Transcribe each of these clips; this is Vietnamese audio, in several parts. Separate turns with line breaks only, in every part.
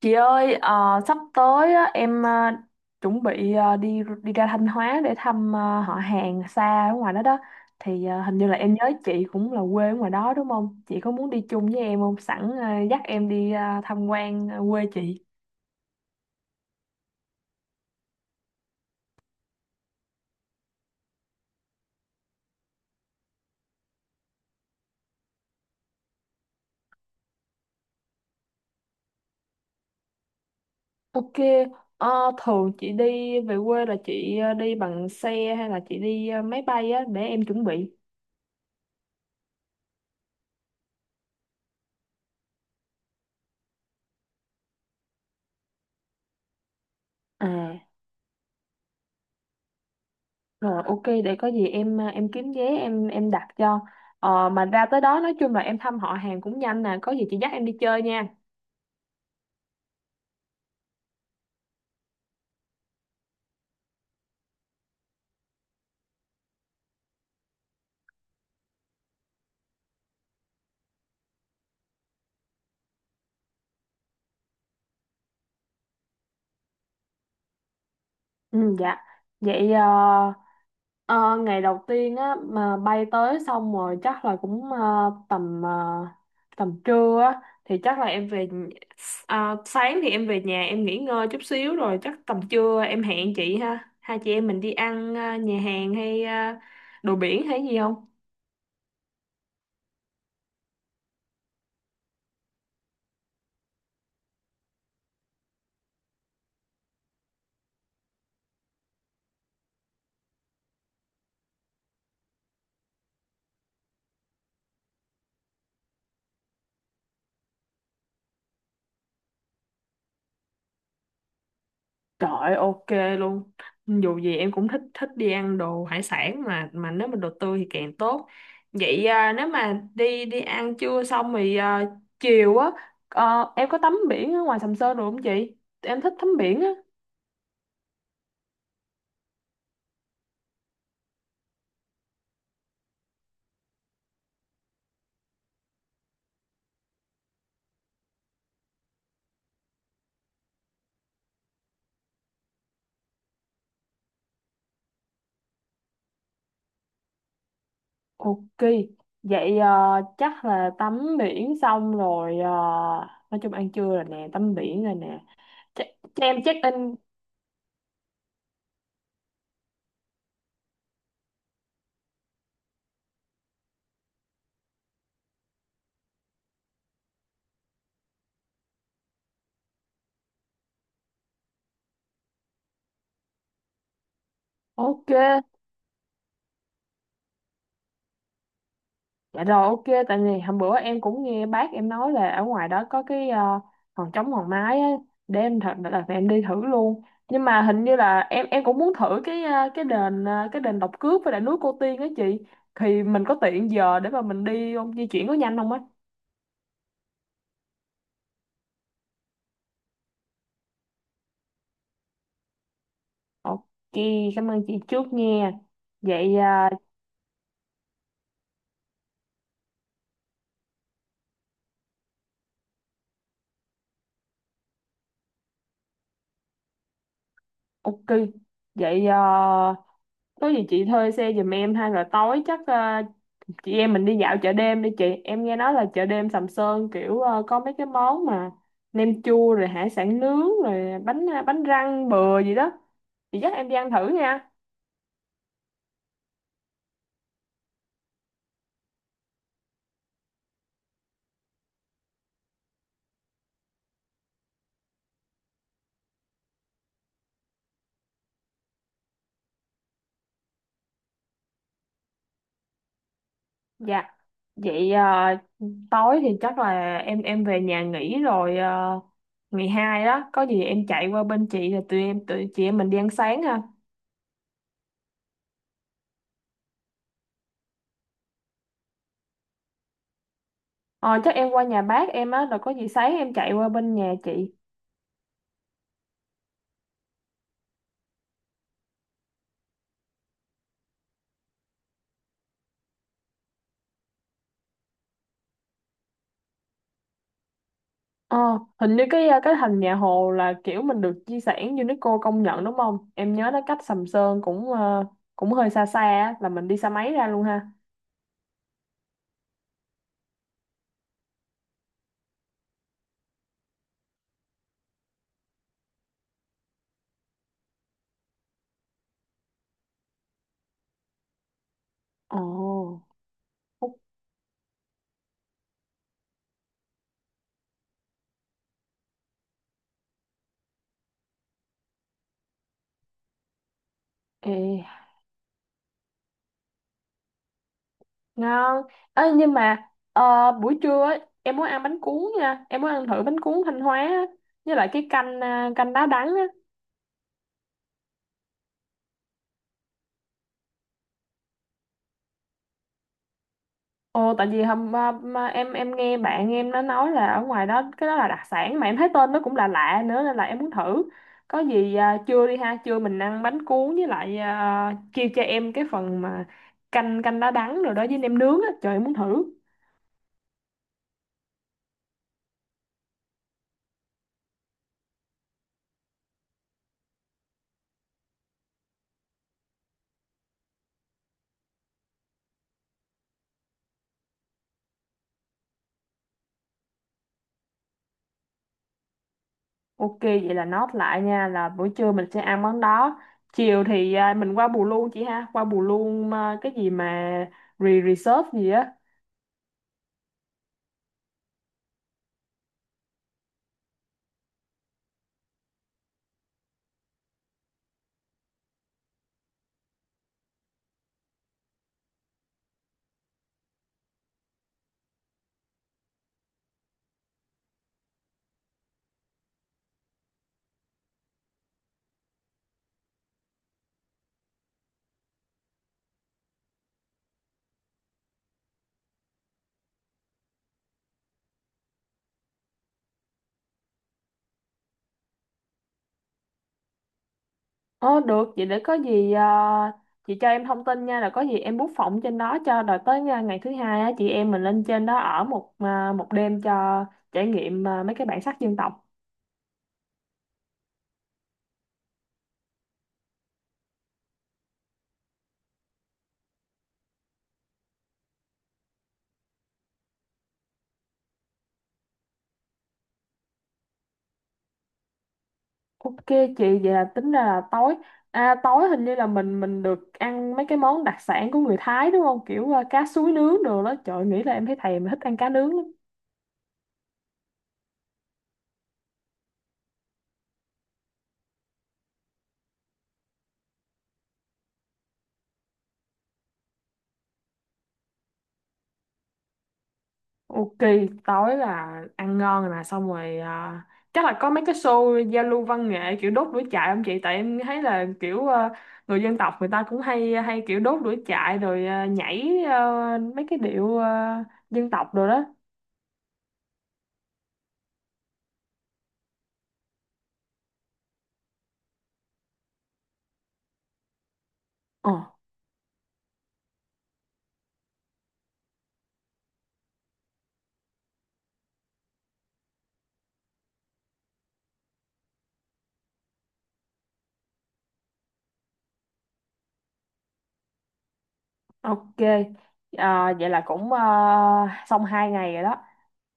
Chị ơi, sắp tới á, em chuẩn bị đi đi ra Thanh Hóa để thăm họ hàng xa ở ngoài đó đó. Thì hình như là em nhớ chị cũng là quê ở ngoài đó đúng không? Chị có muốn đi chung với em không? Sẵn dắt em đi tham quan quê chị. Ok, ờ, thường chị đi về quê là chị đi bằng xe hay là chị đi máy bay á để em chuẩn bị. À. Rồi, ok, để có gì em kiếm vé, em đặt cho. Mà ra tới đó nói chung là em thăm họ hàng cũng nhanh nè, có gì chị dắt em đi chơi nha. Ừ, dạ. Vậy, ờ, ngày đầu tiên á mà bay tới xong rồi chắc là cũng tầm trưa á thì chắc là sáng thì em về nhà em nghỉ ngơi chút xíu, rồi chắc tầm trưa em hẹn chị ha, hai chị em mình đi ăn nhà hàng hay đồ biển hay gì không? Trời ơi, ok luôn. Dù gì em cũng thích thích đi ăn đồ hải sản, mà nếu mà đồ tươi thì càng tốt. Vậy, nếu mà đi đi ăn trưa xong thì chiều á em có tắm biển ở ngoài Sầm Sơn được không chị? Em thích tắm biển á. Ok. Vậy, chắc là tắm biển xong rồi, nói chung ăn trưa rồi nè, tắm biển rồi nè. Ch cho em check in. Ok. Dạ rồi, ok. Tại vì hôm bữa em cũng nghe bác em nói là ở ngoài đó có hòn trống hòn mái á, để em thật là em đi thử luôn. Nhưng mà hình như là em cũng muốn thử cái đền Độc Cước với lại núi Cô Tiên á chị, thì mình có tiện giờ để mà mình đi không, di chuyển có nhanh không á? Ok, cảm ơn chị trước nha. Vậy, ok. Vậy, có gì chị thuê xe giùm em, hay là tối chắc chị em mình đi dạo chợ đêm đi chị, em nghe nói là chợ đêm Sầm Sơn kiểu có mấy cái món mà nem chua rồi hải sản nướng rồi bánh răng bừa gì đó, chị dắt em đi ăn thử nha. Dạ. Vậy, tối thì chắc là em về nhà nghỉ rồi, ngày hai đó có gì em chạy qua bên chị rồi tụi chị em mình đi ăn sáng ha. Ờ Chắc em qua nhà bác em á, rồi có gì sáng em chạy qua bên nhà chị. Ờ, hình như cái thành nhà Hồ là kiểu mình được di sản UNESCO công nhận đúng không? Em nhớ nó cách Sầm Sơn cũng hơi xa xa á, là mình đi xe máy ra luôn ha. Ồ, ok, ngon. Ê, nhưng mà buổi trưa ấy, em muốn ăn bánh cuốn nha, em muốn ăn thử bánh cuốn Thanh Hóa á, với lại cái canh đá đắng á. Ồ, tại vì mà em nghe bạn em nó nói là ở ngoài đó cái đó là đặc sản, mà em thấy tên nó cũng là lạ lạ nữa, nên là em muốn thử. Có gì à, trưa đi ha, trưa mình ăn bánh cuốn với lại, chia cho em cái phần mà canh canh đá đắng rồi đó với nem nướng á, trời em muốn thử. Ok, vậy là note lại nha, là buổi trưa mình sẽ ăn món đó. Chiều thì mình qua Bù Luôn chị ha, qua Bù Luôn, cái gì mà reserve gì á? Ờ được, vậy để có gì chị cho em thông tin nha, là có gì em book phòng trên đó cho, rồi tới ngày thứ hai á, chị em mình lên trên đó ở một đêm cho trải nghiệm, mấy cái bản sắc dân tộc. Ok chị, vậy là tính ra là tối hình như là mình được ăn mấy cái món đặc sản của người Thái đúng không? Kiểu cá suối nướng đồ đó. Trời nghĩ là em thấy thèm thích ăn cá nướng lắm. Ok, tối là ăn ngon rồi nè, xong rồi, chắc là có mấy cái show giao lưu văn nghệ kiểu đốt lửa trại không chị? Tại em thấy là kiểu người dân tộc người ta cũng hay hay kiểu đốt lửa trại rồi, nhảy, mấy cái điệu, dân tộc rồi đó. Ờ, ok. À, vậy là cũng, xong 2 ngày rồi đó.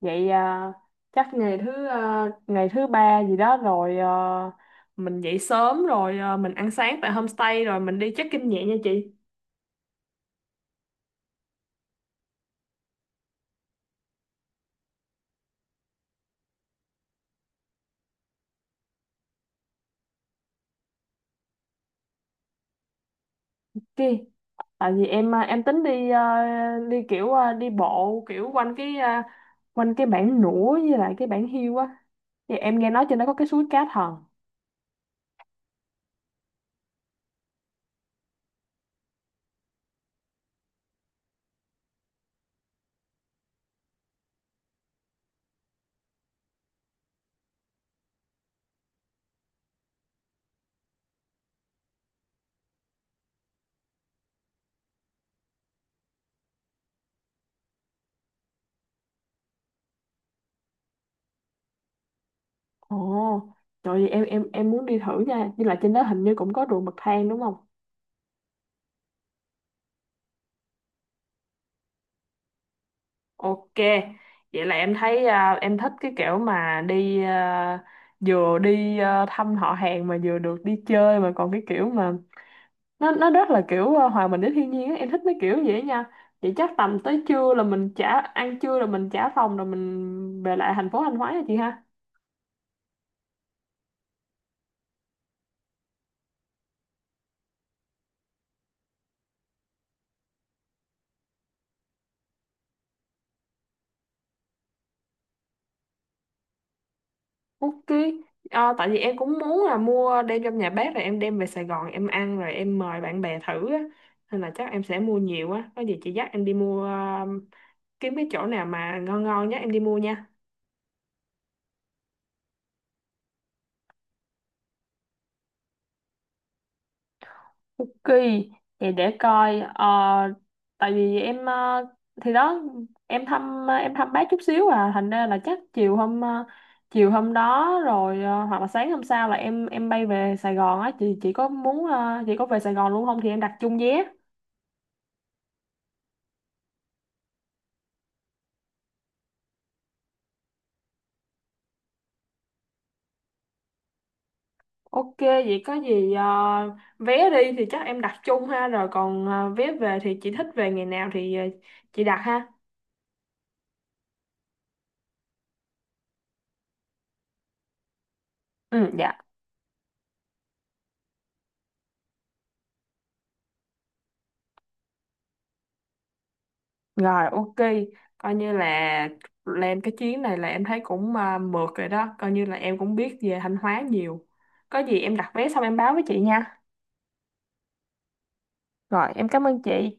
Vậy, chắc ngày thứ ba gì đó rồi, mình dậy sớm rồi, mình ăn sáng tại homestay rồi mình đi check-in nhẹ nha chị. Ok. Tại vì em tính đi bộ kiểu quanh cái bản nũa với lại cái bản hiêu á, thì em nghe nói trên đó có cái suối cá thần. Ồ, trời ơi, em muốn đi thử nha, nhưng là trên đó hình như cũng có ruộng bậc thang đúng không? Ok, vậy là em thích cái kiểu mà vừa đi thăm họ hàng mà vừa được đi chơi, mà còn cái kiểu mà nó rất là kiểu hòa mình với thiên nhiên á, em thích mấy kiểu vậy á nha. Vậy chắc tầm tới trưa là mình ăn trưa rồi mình trả phòng rồi mình về lại thành phố Thanh Hóa nha chị ha. Ok. Ờ, tại vì em cũng muốn là mua đem trong nhà bếp rồi em đem về Sài Gòn em ăn rồi em mời bạn bè thử á, nên là chắc em sẽ mua nhiều á, có gì chị dắt em đi kiếm cái chỗ nào mà ngon ngon nhé em đi mua nha. Ok, thì để coi, tại vì em, thì đó, em thăm bác chút xíu, thành ra là chắc chiều hôm đó rồi, hoặc là sáng hôm sau là em bay về Sài Gòn á chị có muốn, chị có về Sài Gòn luôn không thì em đặt chung vé. Ok, vậy có gì, vé đi thì chắc em đặt chung ha, rồi còn vé về thì chị thích về ngày nào thì chị đặt ha. Ừ dạ. Rồi, ok, coi như là lên cái chuyến này là em thấy cũng, mượt rồi đó, coi như là em cũng biết về Thanh Hóa nhiều. Có gì em đặt vé xong em báo với chị nha. Rồi, em cảm ơn chị.